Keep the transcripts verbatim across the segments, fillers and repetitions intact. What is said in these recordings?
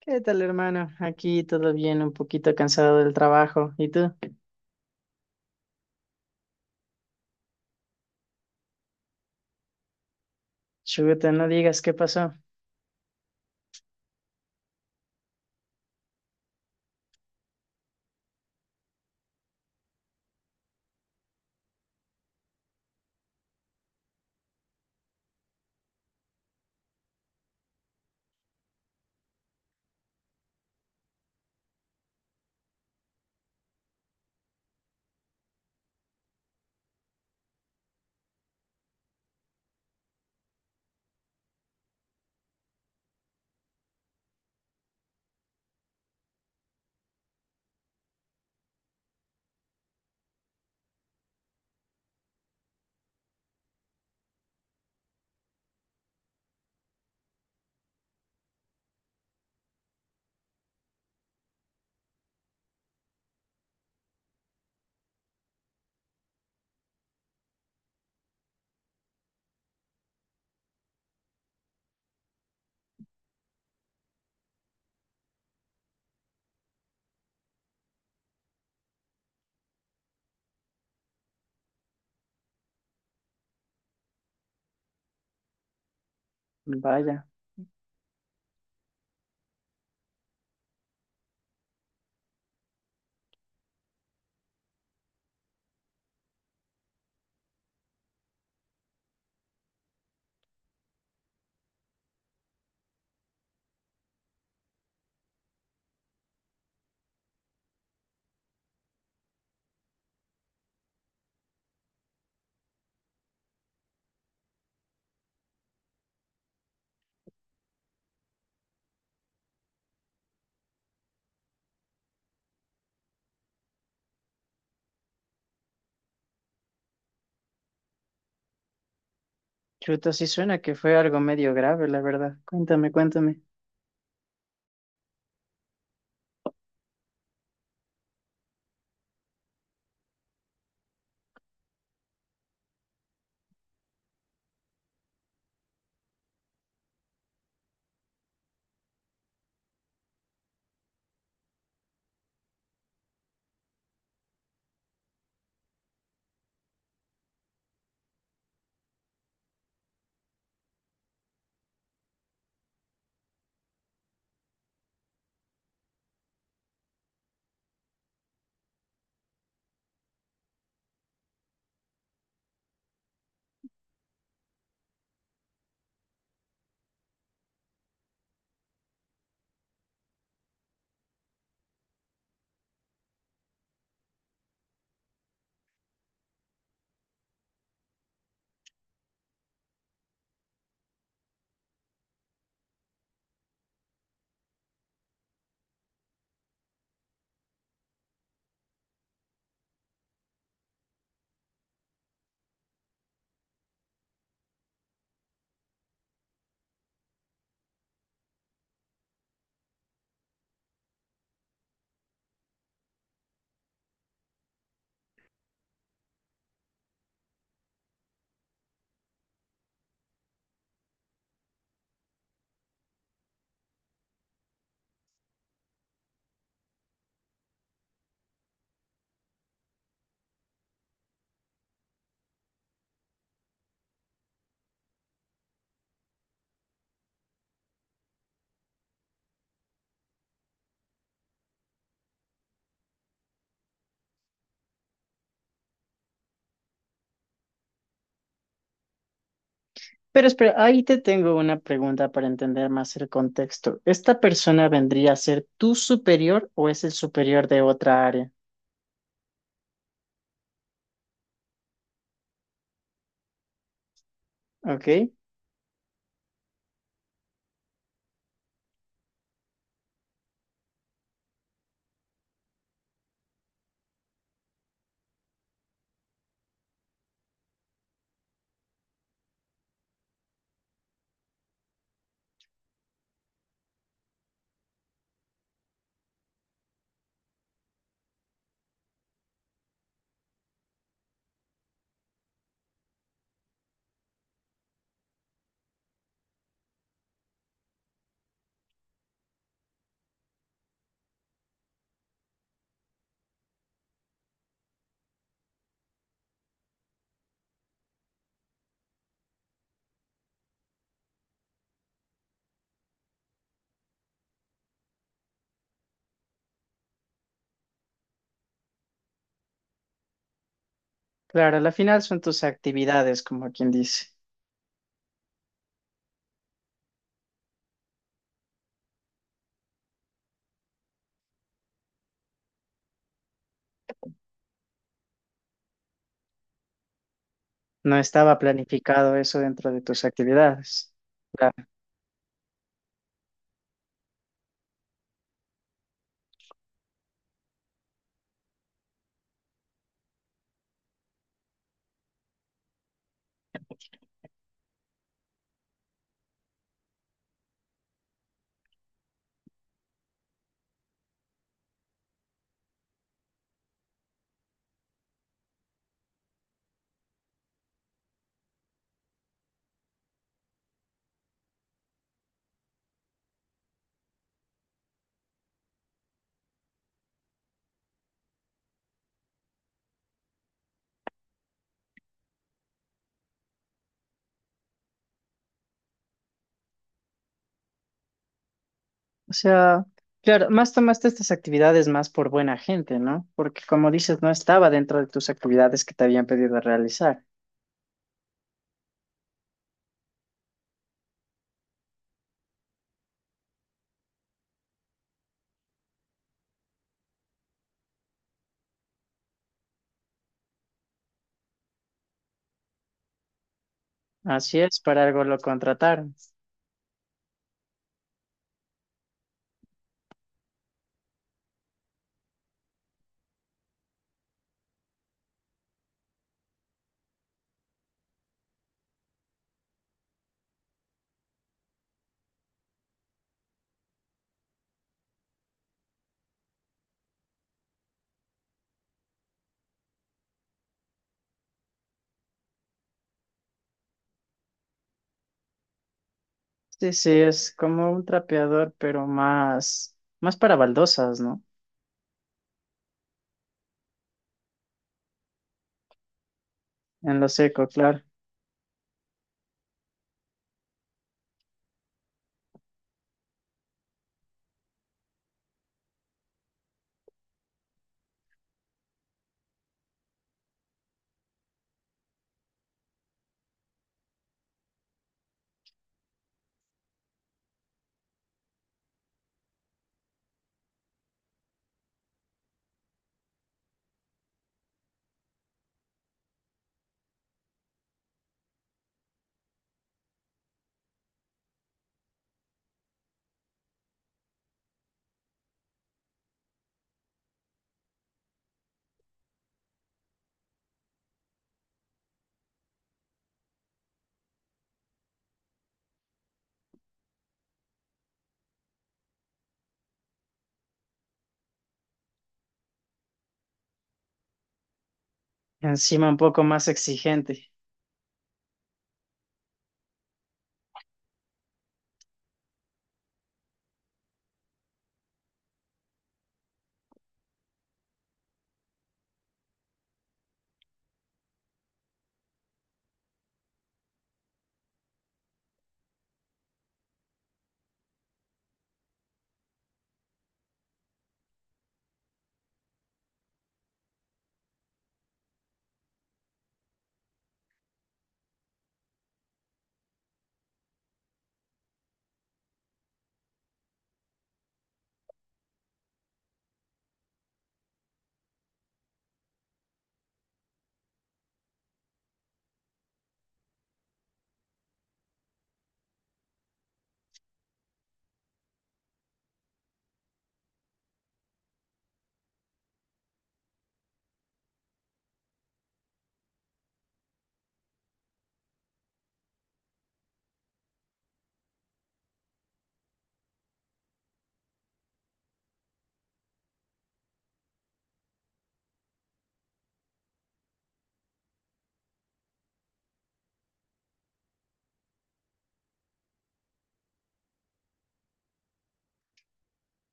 ¿Qué tal, hermano? Aquí todo bien, un poquito cansado del trabajo. ¿Y tú? Chuta, no digas qué pasó. Vaya, chuta, sí suena que fue algo medio grave, la verdad. Cuéntame, cuéntame. Pero espera, ahí te tengo una pregunta para entender más el contexto. ¿Esta persona vendría a ser tu superior o es el superior de otra área? ¿Ok? Claro, al final son tus actividades, como quien dice. No estaba planificado eso dentro de tus actividades. O sea, claro, más tomaste estas actividades más por buena gente, ¿no? Porque como dices, no estaba dentro de tus actividades que te habían pedido realizar. Así es, para algo lo contrataron. Sí, sí, es como un trapeador, pero más, más para baldosas, ¿no? En lo seco, claro. Encima un poco más exigente.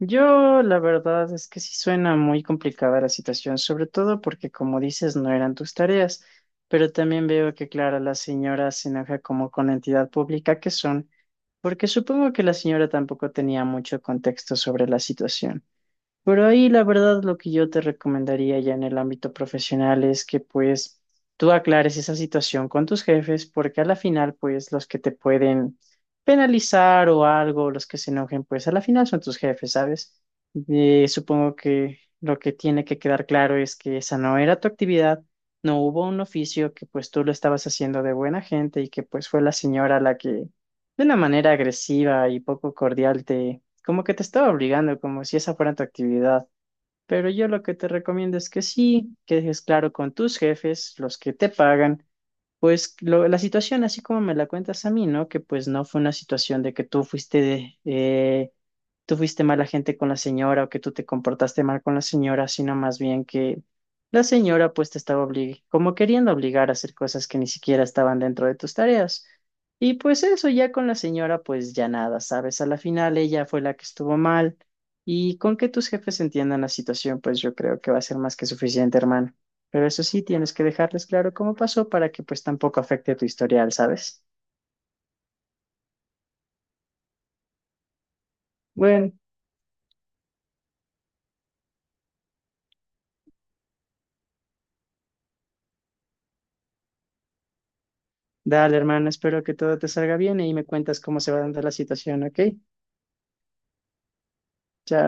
Yo, la verdad es que sí suena muy complicada la situación, sobre todo porque, como dices, no eran tus tareas, pero también veo que, claro, la señora se enoja como con la entidad pública que son, porque supongo que la señora tampoco tenía mucho contexto sobre la situación. Pero ahí la verdad lo que yo te recomendaría ya en el ámbito profesional es que pues tú aclares esa situación con tus jefes porque a la final pues los que te pueden penalizar o algo, los que se enojen pues a la final son tus jefes, ¿sabes? Eh, supongo que lo que tiene que quedar claro es que esa no era tu actividad, no hubo un oficio, que pues tú lo estabas haciendo de buena gente y que pues fue la señora la que de una manera agresiva y poco cordial te como que te estaba obligando, como si esa fuera tu actividad. Pero yo lo que te recomiendo es que sí, que dejes claro con tus jefes, los que te pagan, pues lo- la situación, así como me la cuentas a mí, ¿no? Que pues no fue una situación de que tú fuiste de, eh, tú fuiste mala gente con la señora o que tú te comportaste mal con la señora, sino más bien que la señora pues te estaba obli- como queriendo obligar a hacer cosas que ni siquiera estaban dentro de tus tareas. Y pues eso ya con la señora pues ya nada, ¿sabes? A la final ella fue la que estuvo mal y con que tus jefes entiendan la situación pues yo creo que va a ser más que suficiente, hermano. Pero eso sí, tienes que dejarles claro cómo pasó para que pues tampoco afecte tu historial, ¿sabes? Bueno, dale, hermano. Espero que todo te salga bien y me cuentas cómo se va dando la situación, ¿ok? Chao.